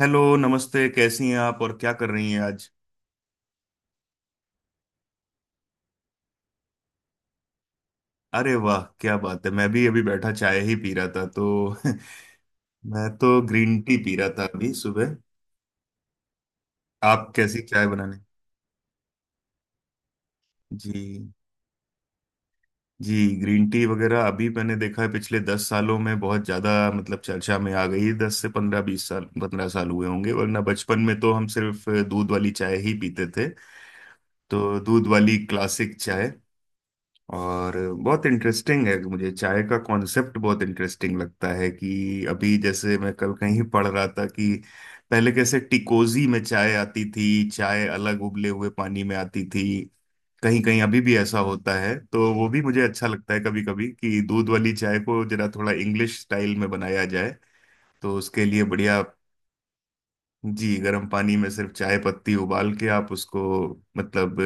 Hello, नमस्ते। कैसी हैं आप और क्या कर रही हैं आज? अरे वाह, क्या बात है। मैं भी अभी बैठा चाय ही पी रहा था तो। मैं तो ग्रीन टी पी रहा था अभी सुबह। आप कैसी चाय बनाने? जी। जी। ग्रीन टी वगैरह अभी मैंने देखा है, पिछले 10 सालों में बहुत ज्यादा मतलब चर्चा में आ गई। दस से पंद्रह बीस साल, 15 साल हुए होंगे। वरना बचपन में तो हम सिर्फ दूध वाली चाय ही पीते थे। तो दूध वाली क्लासिक चाय। और बहुत इंटरेस्टिंग है, मुझे चाय का कॉन्सेप्ट बहुत इंटरेस्टिंग लगता है कि अभी जैसे मैं कल कहीं पढ़ रहा था कि पहले कैसे टिकोजी में चाय आती थी, चाय अलग उबले हुए पानी में आती थी। कहीं कहीं अभी भी ऐसा होता है तो वो भी मुझे अच्छा लगता है कभी कभी, कि दूध वाली चाय को जरा थोड़ा इंग्लिश स्टाइल में बनाया जाए। तो उसके लिए बढ़िया। जी, गर्म पानी में सिर्फ चाय पत्ती उबाल के आप उसको मतलब।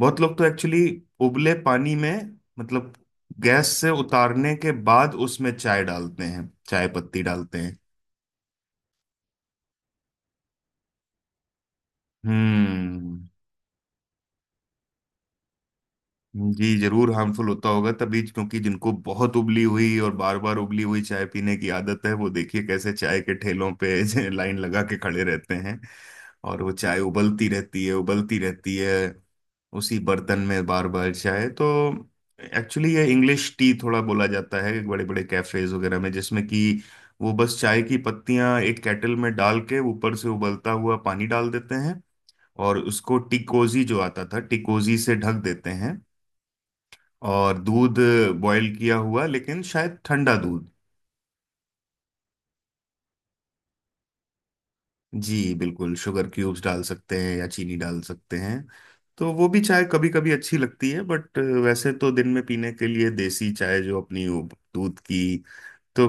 बहुत लोग तो एक्चुअली उबले पानी में मतलब गैस से उतारने के बाद उसमें चाय डालते हैं, चाय पत्ती डालते हैं। हम्म। जी, जरूर हार्मफुल होता होगा तभी, क्योंकि जिनको बहुत उबली हुई और बार बार उबली हुई चाय पीने की आदत है, वो देखिए कैसे चाय के ठेलों पे लाइन लगा के खड़े रहते हैं। और वो चाय उबलती रहती है, उबलती रहती है। उसी बर्तन में बार बार चाय तो। एक्चुअली ये इंग्लिश टी थोड़ा बोला जाता है बड़े बड़े कैफेज वगैरह में, जिसमें कि वो बस चाय की पत्तियां एक केटल में डाल के ऊपर से उबलता हुआ पानी डाल देते हैं। और उसको टिकोजी जो आता था, टिकोजी से ढक देते हैं। और दूध, बॉईल किया हुआ लेकिन शायद ठंडा दूध। जी बिल्कुल, शुगर क्यूब्स डाल सकते हैं या चीनी डाल सकते हैं। तो वो भी चाय कभी कभी अच्छी लगती है, बट वैसे तो दिन में पीने के लिए देसी चाय जो अपनी, वो दूध की। तो।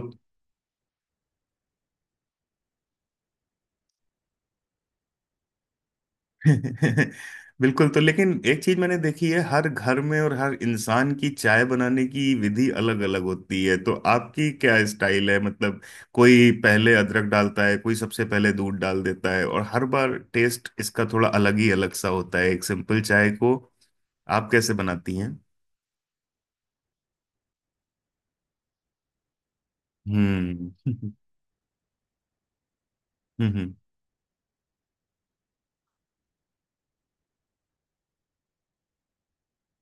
बिल्कुल। तो लेकिन एक चीज मैंने देखी है, हर घर में और हर इंसान की चाय बनाने की विधि अलग अलग होती है। तो आपकी क्या स्टाइल है मतलब? कोई पहले अदरक डालता है, कोई सबसे पहले दूध डाल देता है, और हर बार टेस्ट इसका थोड़ा अलग ही अलग सा होता है एक सिंपल चाय को। आप कैसे बनाती हैं? हम्म। हम्म।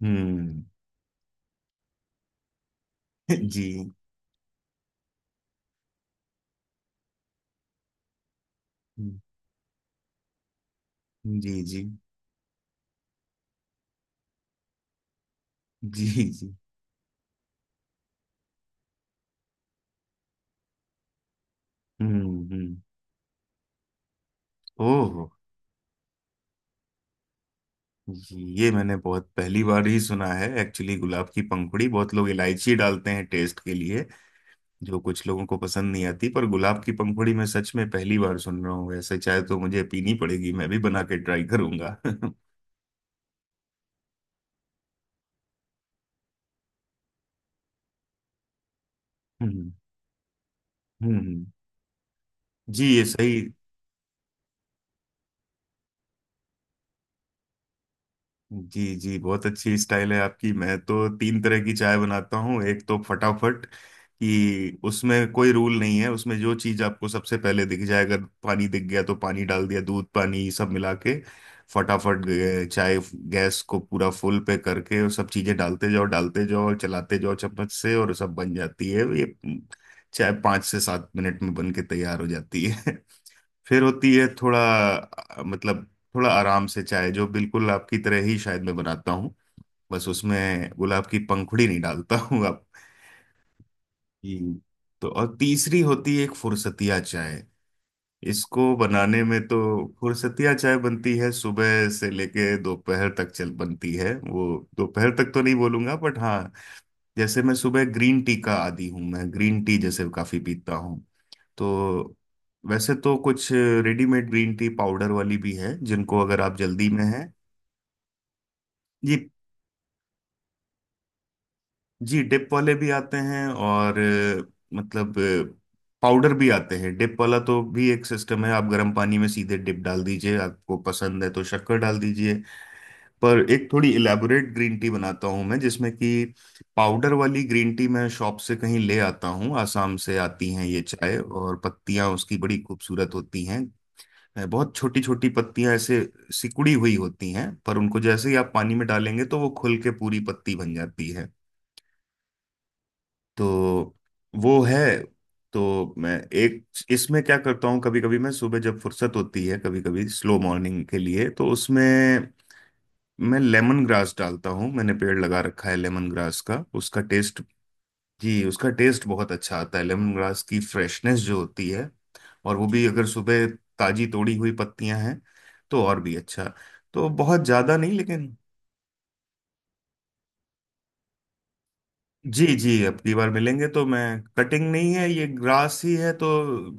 हम्म। जी। जी। जी। जी। जी। जी। हम्म। हम्म। ओह। ये मैंने बहुत पहली बार ही सुना है एक्चुअली गुलाब की पंखुड़ी। बहुत लोग इलायची डालते हैं टेस्ट के लिए, जो कुछ लोगों को पसंद नहीं आती। पर गुलाब की पंखुड़ी मैं सच में पहली बार सुन रहा हूँ। ऐसे चाहे तो मुझे पीनी पड़ेगी, मैं भी बना के ट्राई करूंगा। हम्म। हम्म। जी, ये सही। जी। जी। बहुत अच्छी स्टाइल है आपकी। मैं तो तीन तरह की चाय बनाता हूँ। एक तो फटाफट, कि उसमें कोई रूल नहीं है, उसमें जो चीज़ आपको सबसे पहले दिख जाए, अगर पानी दिख गया तो पानी डाल दिया। दूध पानी सब मिला के फटाफट चाय, गैस को पूरा फुल पे करके और सब चीज़ें डालते जाओ, डालते जाओ, चलाते जाओ चम्मच से, और सब बन जाती है। ये चाय 5 से 7 मिनट में बन के तैयार हो जाती है। फिर होती है थोड़ा मतलब थोड़ा आराम से चाय जो बिल्कुल आपकी तरह ही शायद मैं बनाता हूँ, बस उसमें गुलाब की पंखुड़ी नहीं डालता हूँ आप। हम्म। तो और तीसरी होती है एक फुरसतिया चाय। इसको बनाने में तो फुरसतिया चाय बनती है सुबह से लेके दोपहर तक चल बनती है वो, दोपहर तक तो नहीं बोलूंगा बट हाँ। जैसे मैं सुबह ग्रीन टी का आदी हूँ, मैं ग्रीन टी जैसे काफी पीता हूँ। तो वैसे तो कुछ रेडीमेड ग्रीन टी पाउडर वाली भी है, जिनको अगर आप जल्दी में हैं। जी। जी, डिप वाले भी आते हैं और मतलब पाउडर भी आते हैं। डिप वाला तो भी एक सिस्टम है, आप गर्म पानी में सीधे डिप डाल दीजिए, आपको पसंद है तो शक्कर डाल दीजिए। पर एक थोड़ी इलेबोरेट ग्रीन टी बनाता हूँ मैं, जिसमें कि पाउडर वाली ग्रीन टी मैं शॉप से कहीं ले आता हूँ। आसाम से आती हैं ये चाय, और पत्तियां उसकी बड़ी खूबसूरत होती हैं, है बहुत छोटी छोटी पत्तियां ऐसे सिकुड़ी हुई होती हैं। पर उनको जैसे ही आप पानी में डालेंगे तो वो खुल के पूरी पत्ती बन जाती है। तो वो है। तो मैं एक इसमें क्या करता हूँ, कभी कभी मैं सुबह जब फुर्सत होती है, कभी कभी स्लो मॉर्निंग के लिए, तो उसमें मैं लेमन ग्रास डालता हूँ। मैंने पेड़ लगा रखा है लेमन ग्रास का, उसका टेस्ट। जी, उसका टेस्ट बहुत अच्छा आता है। लेमन ग्रास की फ्रेशनेस जो होती है, और वो भी अगर सुबह ताजी तोड़ी हुई पत्तियां हैं, तो और भी अच्छा। तो बहुत ज्यादा नहीं, लेकिन। जी। जी, अगली बार मिलेंगे तो मैं, कटिंग नहीं है, ये ग्रास ही है तो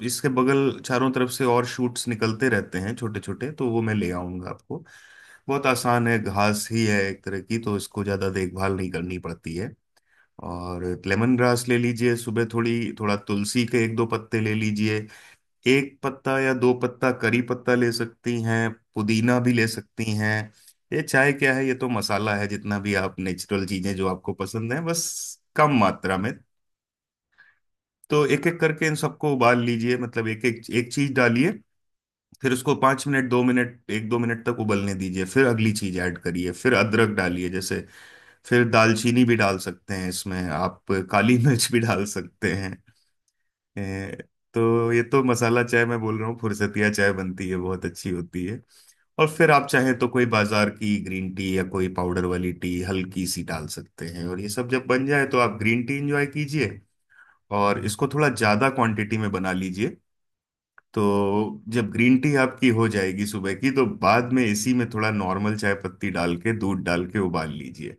इसके बगल चारों तरफ से और शूट्स निकलते रहते हैं छोटे छोटे, तो वो मैं ले आऊंगा आपको। बहुत आसान है, घास ही है एक तरह की, तो इसको ज्यादा देखभाल नहीं करनी पड़ती है। और लेमन ग्रास ले लीजिए सुबह, थोड़ी थोड़ा तुलसी के एक दो पत्ते ले लीजिए, एक पत्ता या दो पत्ता करी पत्ता ले सकती हैं, पुदीना भी ले सकती हैं। ये चाय क्या है, ये तो मसाला है। जितना भी आप नेचुरल चीजें जो आपको पसंद है, बस कम मात्रा में। तो एक एक करके इन सबको उबाल लीजिए, मतलब एक एक एक चीज डालिए। फिर उसको 5 मिनट, 2 मिनट, एक दो मिनट तक उबलने दीजिए। फिर अगली चीज ऐड करिए, फिर अदरक डालिए जैसे। फिर दालचीनी भी डाल सकते हैं इसमें आप, काली मिर्च भी डाल सकते हैं। ए, तो ये तो मसाला चाय मैं बोल रहा हूँ, फुरसतिया चाय बनती है, बहुत अच्छी होती है। और फिर आप चाहें तो कोई बाजार की ग्रीन टी या कोई पाउडर वाली टी हल्की सी डाल सकते हैं, और ये सब जब बन जाए तो आप ग्रीन टी इंजॉय कीजिए। और इसको थोड़ा ज्यादा क्वांटिटी में बना लीजिए। तो जब ग्रीन टी आपकी हो जाएगी सुबह की, तो बाद में इसी में थोड़ा नॉर्मल चाय पत्ती डाल के दूध डाल के उबाल लीजिए।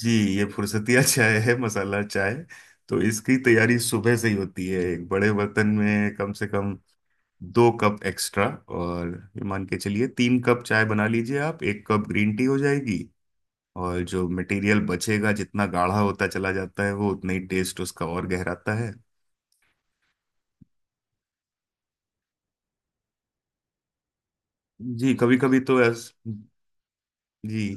जी, ये फुर्सतिया चाय है, मसाला चाय। तो इसकी तैयारी सुबह से ही होती है एक बड़े बर्तन में। कम से कम 2 कप एक्स्ट्रा। और ये मान के चलिए 3 कप चाय बना लीजिए, आप 1 कप ग्रीन टी हो जाएगी। और जो मटेरियल बचेगा, जितना गाढ़ा होता चला जाता है, वो उतना ही टेस्ट उसका और गहराता है। जी। कभी कभी तो ऐस जी।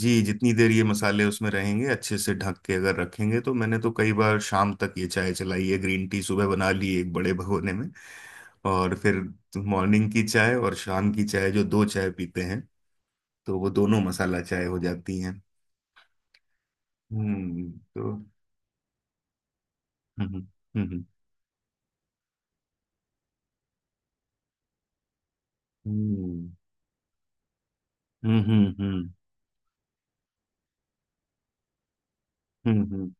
जी। जितनी देर ये मसाले उसमें रहेंगे, अच्छे से ढक के अगर रखेंगे, तो मैंने तो कई बार शाम तक ये चाय चलाई है। ग्रीन टी सुबह बना ली एक बड़े भगोने में, और फिर मॉर्निंग की चाय और शाम की चाय जो दो चाय पीते हैं, तो वो दोनों मसाला चाय हो जाती हैं। हम्म। तो। हम्म। हम्म। हम्म। हम्म। हम्म। हम्म। हम्म।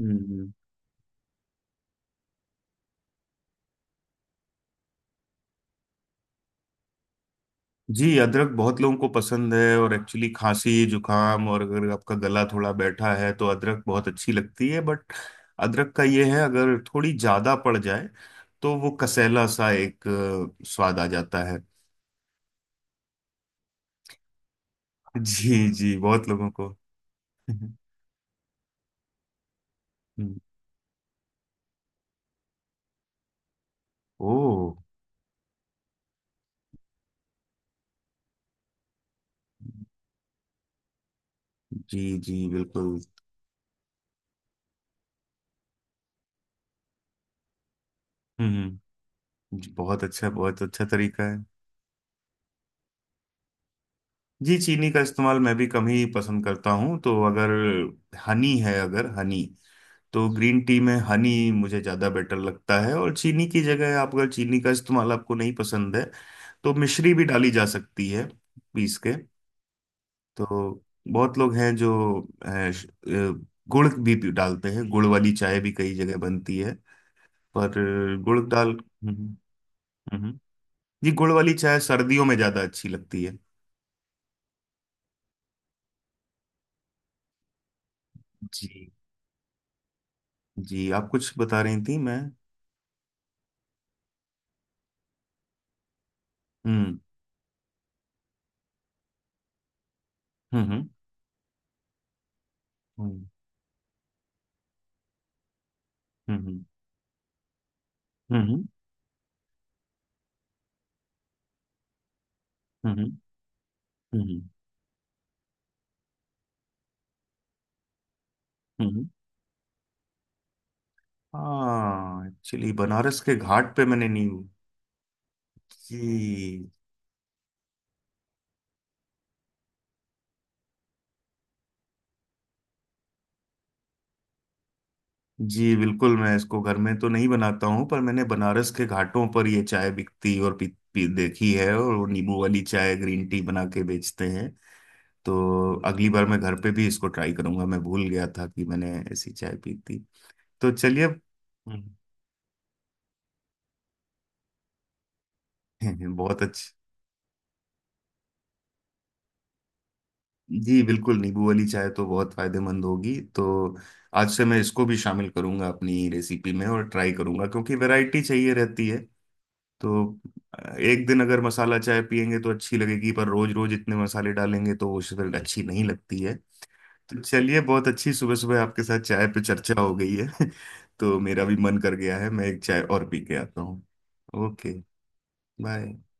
हम्म। जी, अदरक बहुत लोगों को पसंद है और एक्चुअली खांसी जुकाम और अगर आपका गला थोड़ा बैठा है तो अदरक बहुत अच्छी लगती है। बट अदरक का ये है, अगर थोड़ी ज्यादा पड़ जाए, तो वो कसैला सा एक स्वाद आ जाता है। जी। जी, बहुत लोगों को। हम्म। ओ। जी। जी बिल्कुल। हम्म। जी, बहुत अच्छा, बहुत अच्छा तरीका है। जी, चीनी का इस्तेमाल मैं भी कम ही पसंद करता हूँ। तो अगर हनी है, अगर हनी, तो ग्रीन टी में हनी मुझे ज़्यादा बेटर लगता है। और चीनी की जगह, आप अगर चीनी का इस्तेमाल आपको नहीं पसंद है, तो मिश्री भी डाली जा सकती है पीस के। तो बहुत लोग हैं जो अ, श- अ, गुड़ भी डालते हैं, गुड़ वाली चाय भी कई जगह बनती है। पर गुड़ डाल। हम्म। हम्म। जी, गुड़ वाली चाय सर्दियों में ज़्यादा अच्छी लगती है। जी। जी, आप कुछ बता रही थी मैं। हम्म। हम्म। हम्म। हम्म। हम्म। हम्म। हम्म। हम्म। हम्म। हाँ, एक्चुअली बनारस के घाट पे मैंने नींव। जी। जी बिल्कुल। मैं इसको घर में तो नहीं बनाता हूँ, पर मैंने बनारस के घाटों पर ये चाय बिकती और पी देखी है। और वो नींबू वाली चाय ग्रीन टी बना के बेचते हैं। तो अगली बार मैं घर पे भी इसको ट्राई करूंगा, मैं भूल गया था कि मैंने ऐसी चाय पी थी। तो चलिए। बहुत अच्छा। जी बिल्कुल, नींबू वाली चाय तो बहुत फायदेमंद होगी। तो आज से मैं इसको भी शामिल करूंगा अपनी रेसिपी में और ट्राई करूंगा, क्योंकि वैरायटी चाहिए रहती है। तो एक दिन अगर मसाला चाय पियेंगे तो अच्छी लगेगी, पर रोज रोज इतने मसाले डालेंगे तो वो फिर अच्छी नहीं लगती है। तो चलिए, बहुत अच्छी सुबह सुबह आपके साथ चाय पे चर्चा हो गई है। तो मेरा भी मन कर गया है, मैं एक चाय और पी के आता हूँ। ओके। बाय।